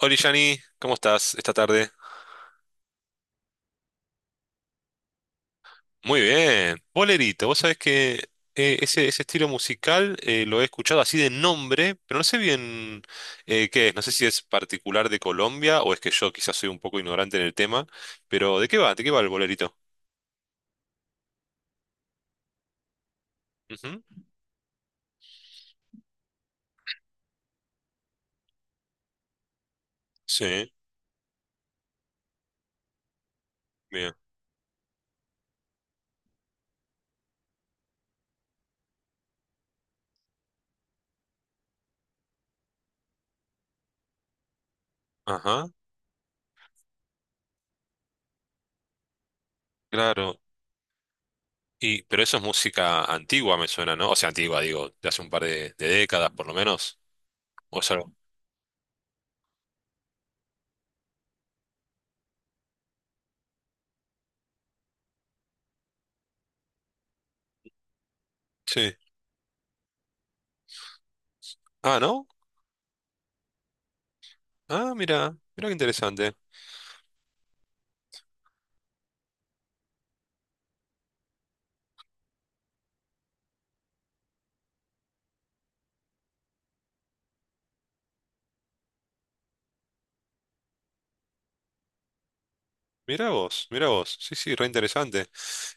Hola, Yani, ¿cómo estás esta tarde? Muy bien, bolerito. Vos sabés que ese estilo musical lo he escuchado así de nombre, pero no sé bien qué es. No sé si es particular de Colombia o es que yo quizás soy un poco ignorante en el tema, pero ¿de qué va? ¿De qué va el bolerito? Ujú. Sí, bien. Ajá, claro. Y, pero eso es música antigua, me suena, ¿no? O sea, antigua, digo, de hace un par de décadas por lo menos. O sea, sí. Ah, ¿no? Ah, mira, mira qué interesante. Mirá vos, mirá vos. Sí, sí, re interesante.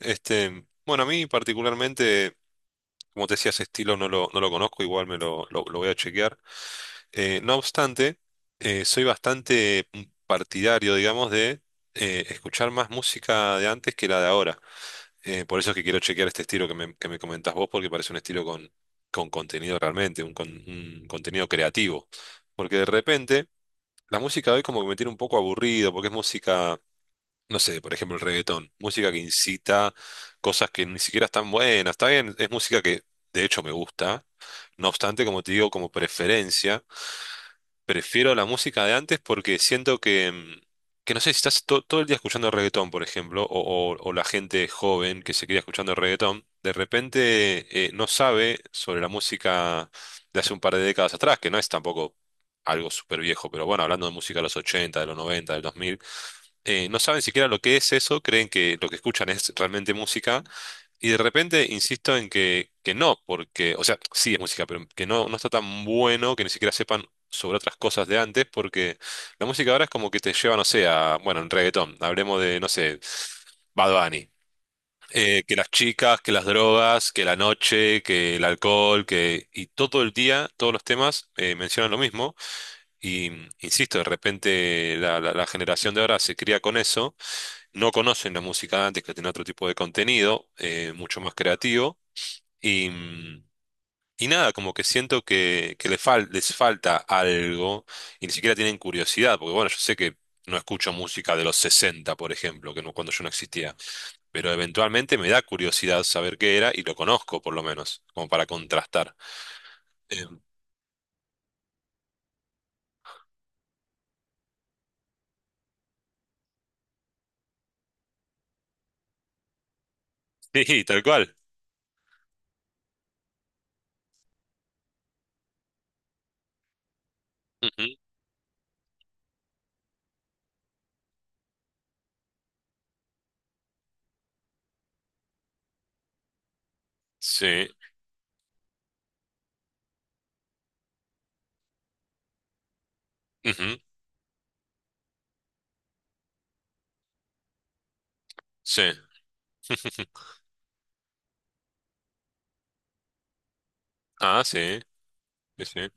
Este, bueno, a mí particularmente, como te decía, ese estilo no lo conozco, igual lo voy a chequear. No obstante, soy bastante partidario, digamos, de escuchar más música de antes que la de ahora. Por eso es que quiero chequear este estilo que me comentás vos, porque parece un estilo con contenido realmente, un contenido creativo. Porque de repente, la música de hoy como que me tiene un poco aburrido, porque es música no sé, por ejemplo, el reggaetón, música que incita cosas que ni siquiera están buenas, está bien, es música que de hecho me gusta, no obstante, como te digo, como preferencia, prefiero la música de antes porque siento que, que no sé, si estás todo el día escuchando reggaetón, por ejemplo, o, o la gente joven que se queda escuchando reggaetón, de repente no sabe sobre la música de hace un par de décadas atrás, que no es tampoco... Algo súper viejo, pero bueno, hablando de música de los 80 de los 90 del 2000 no saben siquiera lo que es eso, creen que lo que escuchan es realmente música, y de repente insisto en que no, porque, o sea, sí es música, pero que no, no está tan bueno que ni siquiera sepan sobre otras cosas de antes, porque la música ahora es como que te lleva, no sé, a, bueno, en reggaetón, hablemos de, no sé, Bad Bunny. Que las chicas, que las drogas, que la noche, que el alcohol, que... Y todo el día, todos los temas mencionan lo mismo. Y insisto, de repente la generación de ahora se cría con eso, no conocen la música de antes que tenía otro tipo de contenido, mucho más creativo, y, y nada, como que siento que les falta algo y ni siquiera tienen curiosidad, porque bueno, yo sé que no escucho música de los 60, por ejemplo, que no, cuando yo no existía, pero eventualmente me da curiosidad saber qué era y lo conozco por lo menos, como para contrastar. Eh, sí, tal cual. Ujú, sí, ujú, sí. Ah, sí, sí, sí.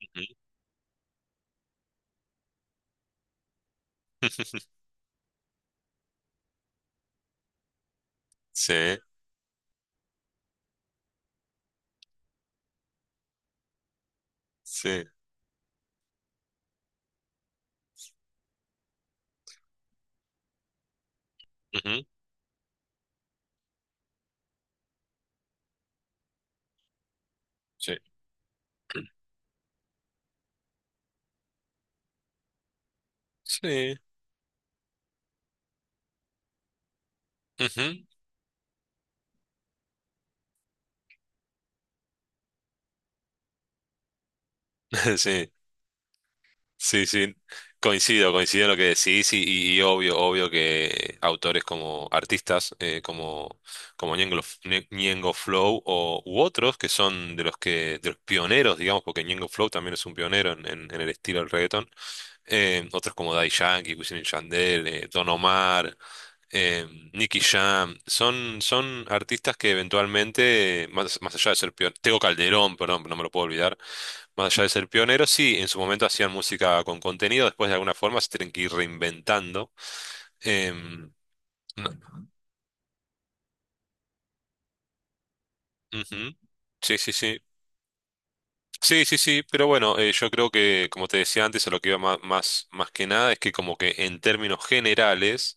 Ujú. Sí, sí. Ujú, sí. Sí. Ujú, sí, sí, sí. Coincido, coincido en lo que decís y, y obvio, obvio que autores como artistas como, como Ñengo, Ñengo Flow o, u otros que son de los pioneros, digamos, porque Ñengo Flow también es un pionero en, en el estilo del reggaetón. Otros como Daddy Yankee, Wisin y Yandel, Don Omar, eh, Nicky Jam, son, son artistas que eventualmente, más, más allá de ser pioneros, Tego Calderón, perdón, no me lo puedo olvidar, más allá de ser pioneros, sí, en su momento hacían música con contenido, después de alguna forma se tienen que ir reinventando. Em, no- ujú. Sí, sí, sí. Sí, sí, sí, pero bueno, yo creo que, como te decía antes, a lo que iba que nada es que como que en términos generales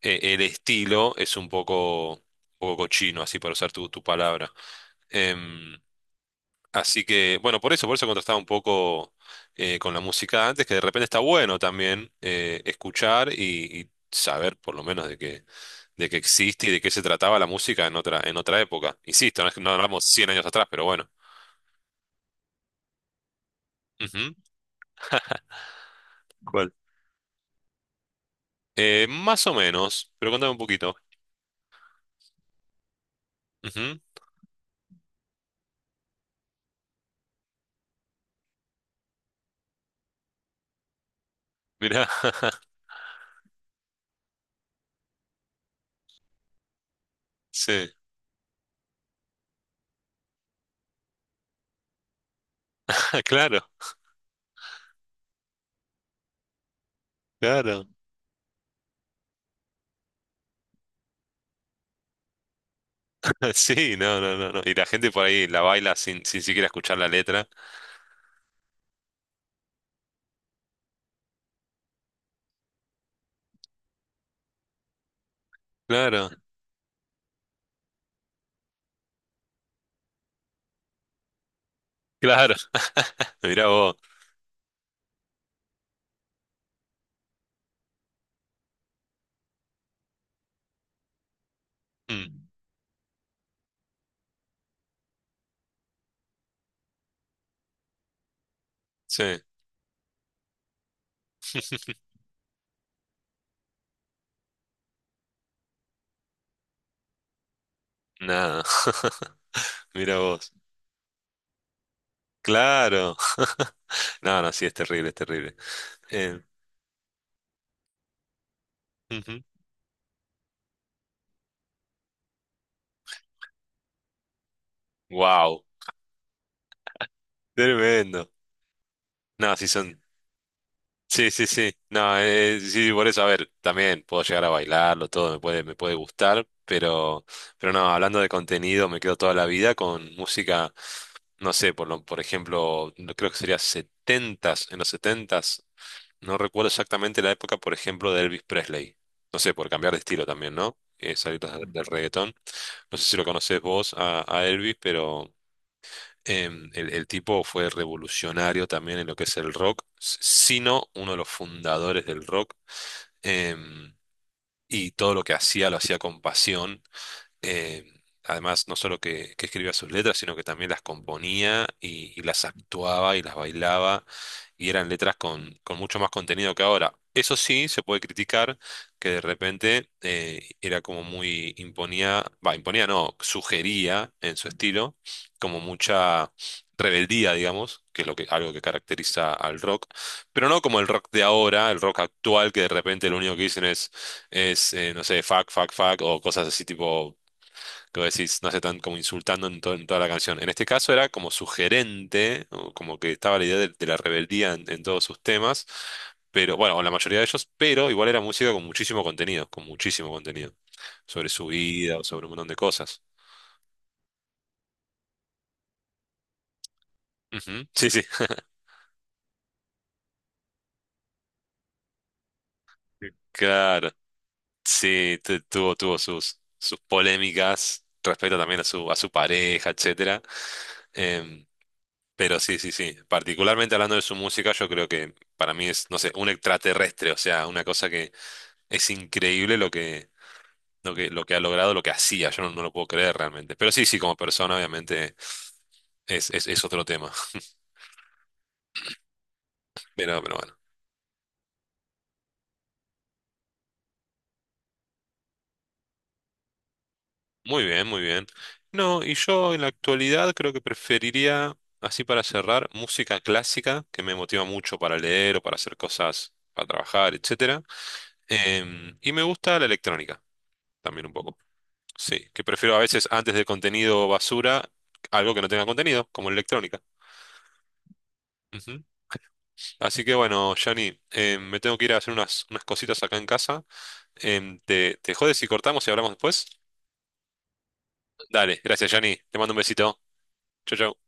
el estilo es un poco cochino, así para usar tu, tu palabra. Em, Así que, bueno, por eso contrastaba un poco con la música antes, que de repente está bueno también escuchar y saber por lo menos de que existe y de qué se trataba la música en otra época. Insisto, no, es que no hablamos 100 años atrás, pero bueno. Ujú. ¿Cuál? Más o menos, pero contame un poquito. Ujú, mirá, sí, claro, claro. Sí, no, no, no, no. Y la gente por ahí la baila sin, sin siquiera escuchar la letra. Claro, claro. Mirá vos. Mm, sí, nada. Mirá vos. Claro. No, no, sí, es terrible, es terrible. Eh, Wow, tremendo. No, sí son. Sí, sí, sí. No, sí, por eso, a ver, también puedo llegar a bailarlo, todo me puede gustar, pero no, hablando de contenido, me quedo toda la vida con música, no sé, por lo, por ejemplo, creo que sería setentas, en los setentas, no recuerdo exactamente la época, por ejemplo, de Elvis Presley. No sé, por cambiar de estilo también, ¿no? Salir del reggaetón. No sé si lo conoces vos a Elvis, pero. El tipo fue revolucionario también en lo que es el rock, sino uno de los fundadores del rock. em, y todo lo que hacía lo hacía con pasión eh, además, no solo que escribía sus letras, sino que también las componía y las actuaba y las bailaba, y eran letras con mucho más contenido que ahora. Eso sí, se puede criticar que de repente era como muy imponía, va, imponía no, sugería en su estilo como mucha rebeldía, digamos, que es lo que, algo que caracteriza al rock, pero no como el rock de ahora, el rock actual, que de repente lo único que dicen es, no sé, fuck, fuck, fuck, o cosas así tipo que vos decís, no se están como insultando en, en toda la canción. En este caso era como sugerente, o como que estaba la idea de la rebeldía en todos sus temas, pero bueno, o en la mayoría de ellos, pero igual era música con muchísimo contenido, sobre su vida o sobre un montón de cosas. Ujú, sí, sí. Claro, sí, tuvo, tuvo sus, sus polémicas respecto también a su pareja, etcétera. Em, pero sí, sí, sí. Particularmente hablando de su música, yo creo que para mí es, no sé, un extraterrestre, o sea, una cosa. Es increíble lo que, lo que, lo que ha logrado, lo que hacía. Yo no, no lo puedo creer realmente. Pero sí, sí, como persona, obviamente, es otro tema. Pero bueno. Muy bien, muy bien. No, y yo en la actualidad creo que preferiría, así para cerrar, música clásica, que me motiva mucho para leer o para hacer cosas, para trabajar, etcétera. Y me gusta la electrónica, también un poco. Sí, que prefiero a veces antes de contenido basura, algo que no tenga contenido, como electrónica. Así que bueno, Jani, me tengo que ir a hacer unas, unas cositas acá en casa. ¿Te, te jodes si cortamos y hablamos después? Dale, gracias, Jani. Te mando un besito. Chau, chau.